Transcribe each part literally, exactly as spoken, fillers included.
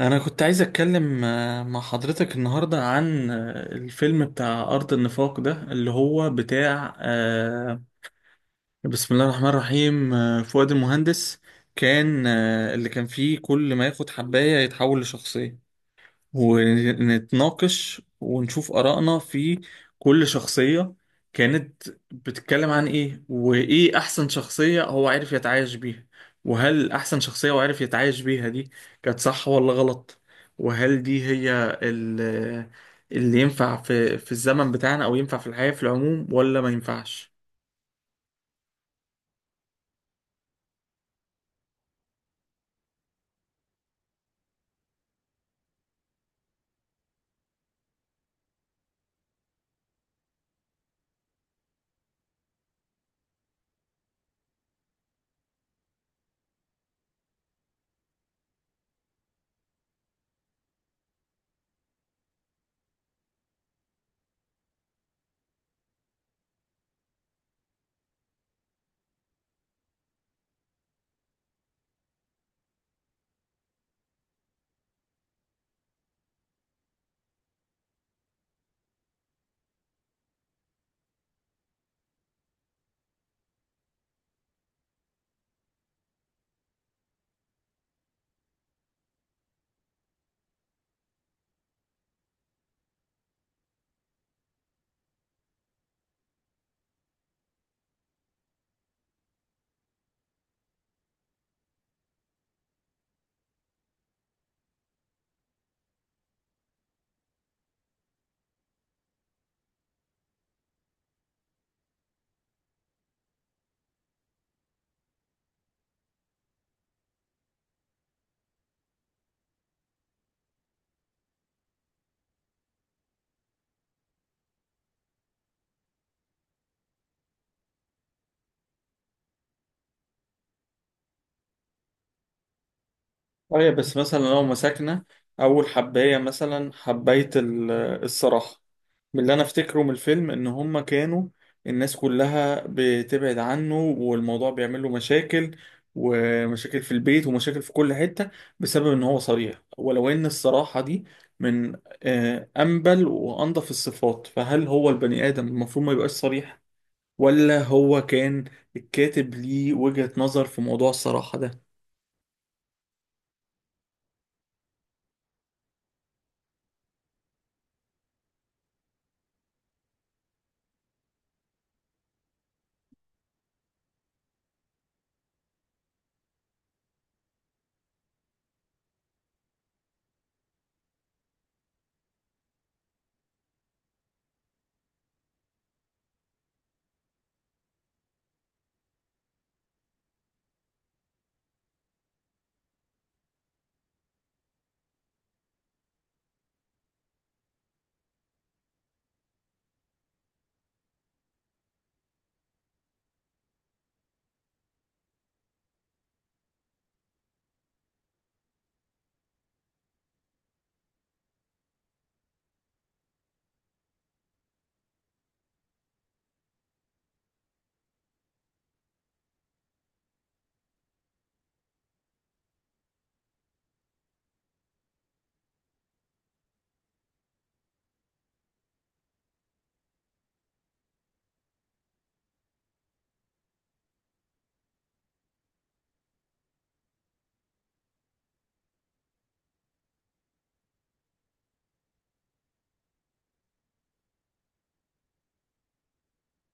أنا كنت عايز أتكلم آه، مع حضرتك النهاردة عن آه، الفيلم بتاع أرض النفاق ده اللي هو بتاع آه، بسم الله الرحمن الرحيم آه، فؤاد المهندس كان آه، اللي كان فيه كل ما ياخد حباية يتحول لشخصية، ونتناقش ونشوف آرائنا في كل شخصية كانت بتتكلم عن إيه، وإيه أحسن شخصية هو عارف يتعايش بيها، وهل أحسن شخصية هو عارف يتعايش بيها دي كانت صح ولا غلط، وهل دي هي ال- اللي ينفع في في الزمن بتاعنا أو ينفع في الحياة في العموم ولا ما ينفعش؟ أيوة، بس مثلا لو مسكنا أول حباية مثلا حباية ال- الصراحة، من اللي انا افتكره من الفيلم ان هما كانوا الناس كلها بتبعد عنه والموضوع بيعمل له مشاكل، ومشاكل في البيت ومشاكل في كل حتة بسبب ان هو صريح. ولو ان الصراحة دي من آه، انبل وانضف الصفات، فهل هو البني ادم المفروض ما يبقاش صريح، ولا هو كان الكاتب ليه وجهة نظر في موضوع الصراحة ده؟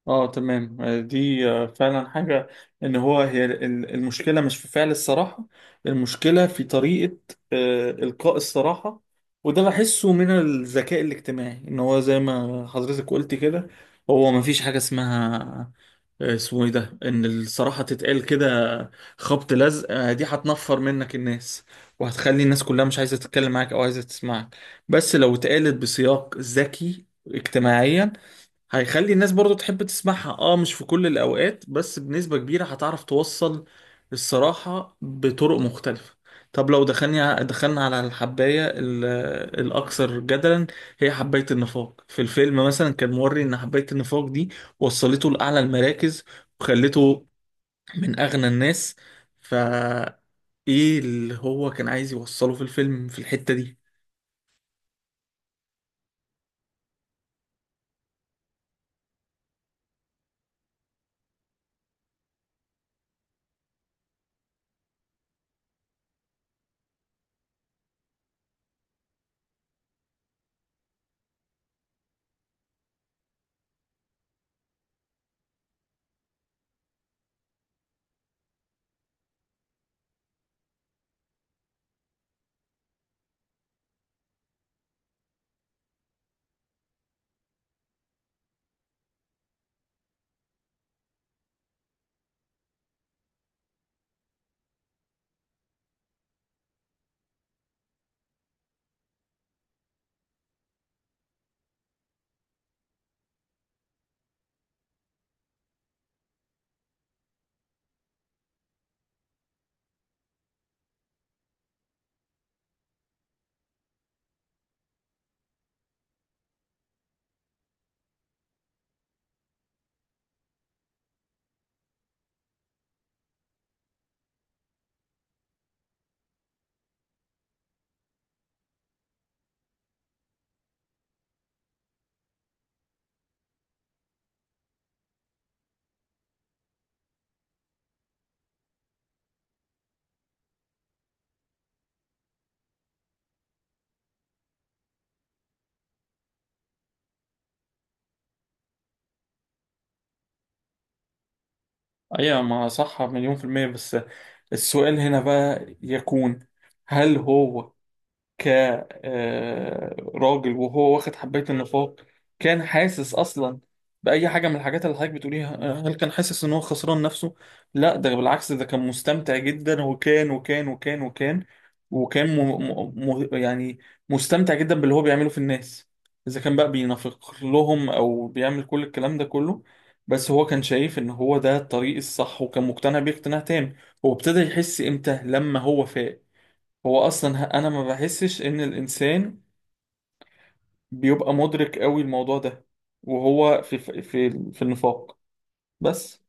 اه، تمام. آه، دي آه، فعلا حاجة، ان هو هي ال- المشكلة مش في فعل الصراحة، المشكلة في طريقة آه، إلقاء الصراحة. وده بحسه من الذكاء الاجتماعي، ان هو زي ما حضرتك قلت كده، هو مفيش حاجة اسمها آه، اسمه ايه ده، ان الصراحة تتقال كده خبط لزق. آه، دي هتنفر منك الناس، وهتخلي الناس كلها مش عايزة تتكلم معاك او عايزة تسمعك. بس لو اتقالت بسياق ذكي اجتماعيا، هيخلي الناس برضو تحب تسمعها. اه، مش في كل الأوقات بس بنسبة كبيرة هتعرف توصل الصراحة بطرق مختلفة. طب لو دخلنا دخلنا على الحباية ال- الأكثر جدلا، هي حباية النفاق. في الفيلم مثلا كان موري إن حباية النفاق دي وصلته لأعلى المراكز، وخلته من أغنى الناس، فا إيه اللي هو كان عايز يوصله في الفيلم في الحتة دي؟ ايوه، ما صح مليون في المية. بس السؤال هنا بقى يكون، هل هو كراجل وهو واخد حباية النفاق كان حاسس أصلا بأي حاجة من الحاجات اللي حضرتك بتقوليها؟ آه، هل كان حاسس إن هو خسران نفسه؟ لا، ده بالعكس، ده كان مستمتع جدا، وكان وكان وكان وكان وكان م م م يعني مستمتع جدا باللي هو بيعمله في الناس، إذا كان بقى بينافق لهم أو بيعمل كل الكلام ده كله. بس هو كان شايف إن هو ده الطريق الصح، وكان مقتنع بيه اقتناع تام. وابتدى يحس إمتى لما هو فاق. هو اصلا ه- انا ما بحسش ان الانسان بيبقى مدرك قوي الموضوع ده وهو في في في في النفاق، بس.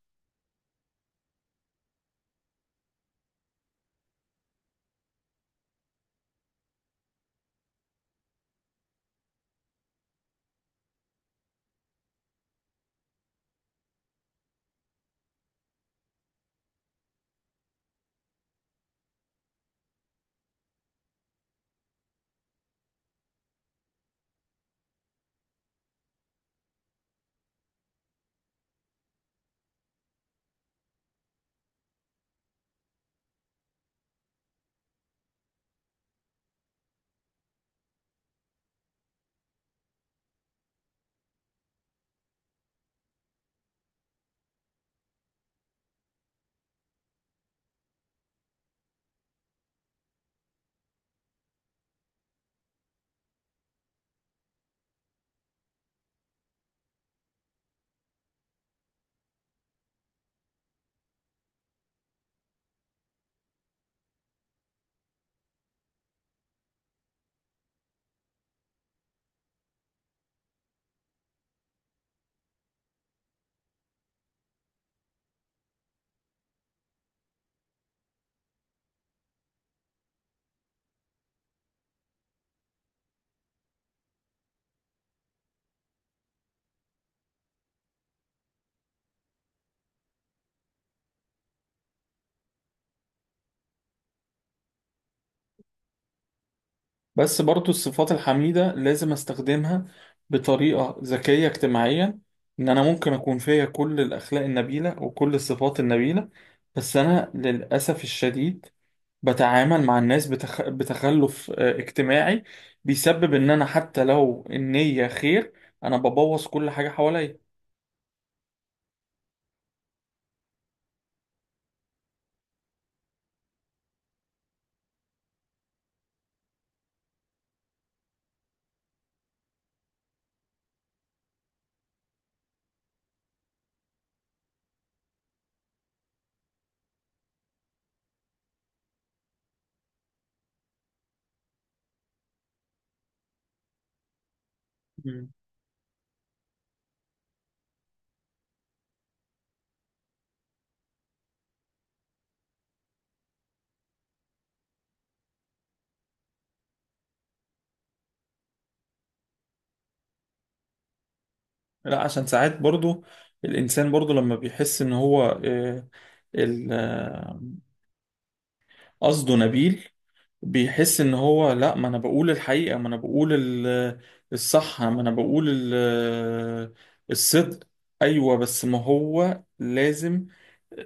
بس برضو الصفات الحميدة لازم استخدمها بطريقة ذكية اجتماعيا، ان انا ممكن اكون فيا كل الاخلاق النبيلة وكل الصفات النبيلة. بس انا للاسف الشديد بتعامل مع الناس بتخ... بتخلف آه، اجتماعي، بيسبب ان انا حتى لو النية خير، انا ببوظ كل حاجة حواليا. لا، عشان ساعات برضو الإنسان برضو لما بيحس إن هو آه، ال- آه، قصده نبيل، بيحس ان هو لا، ما انا بقول الحقيقة، ما انا بقول ال- الصح، ما انا بقول ال- الصدق. ايوه، بس ما هو لازم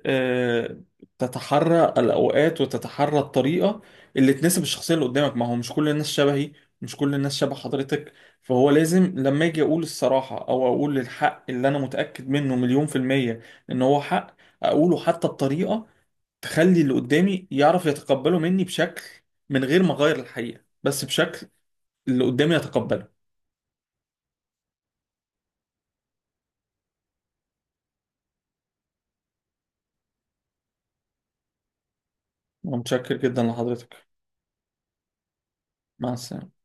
آه، تتحرى الاوقات وتتحرى الطريقة اللي تناسب الشخصية اللي قدامك. ما هو مش كل الناس شبهي، مش كل الناس شبه حضرتك. فهو لازم لما اجي اقول الصراحة او اقول الحق اللي انا متأكد منه مليون في المية ان هو حق، اقوله حتى بطريقة تخلي اللي قدامي يعرف يتقبله مني بشكل، من غير ما اغير الحقيقة، بس بشكل اللي قدامي يتقبله. متشكر جدا لحضرتك. مع السلامة.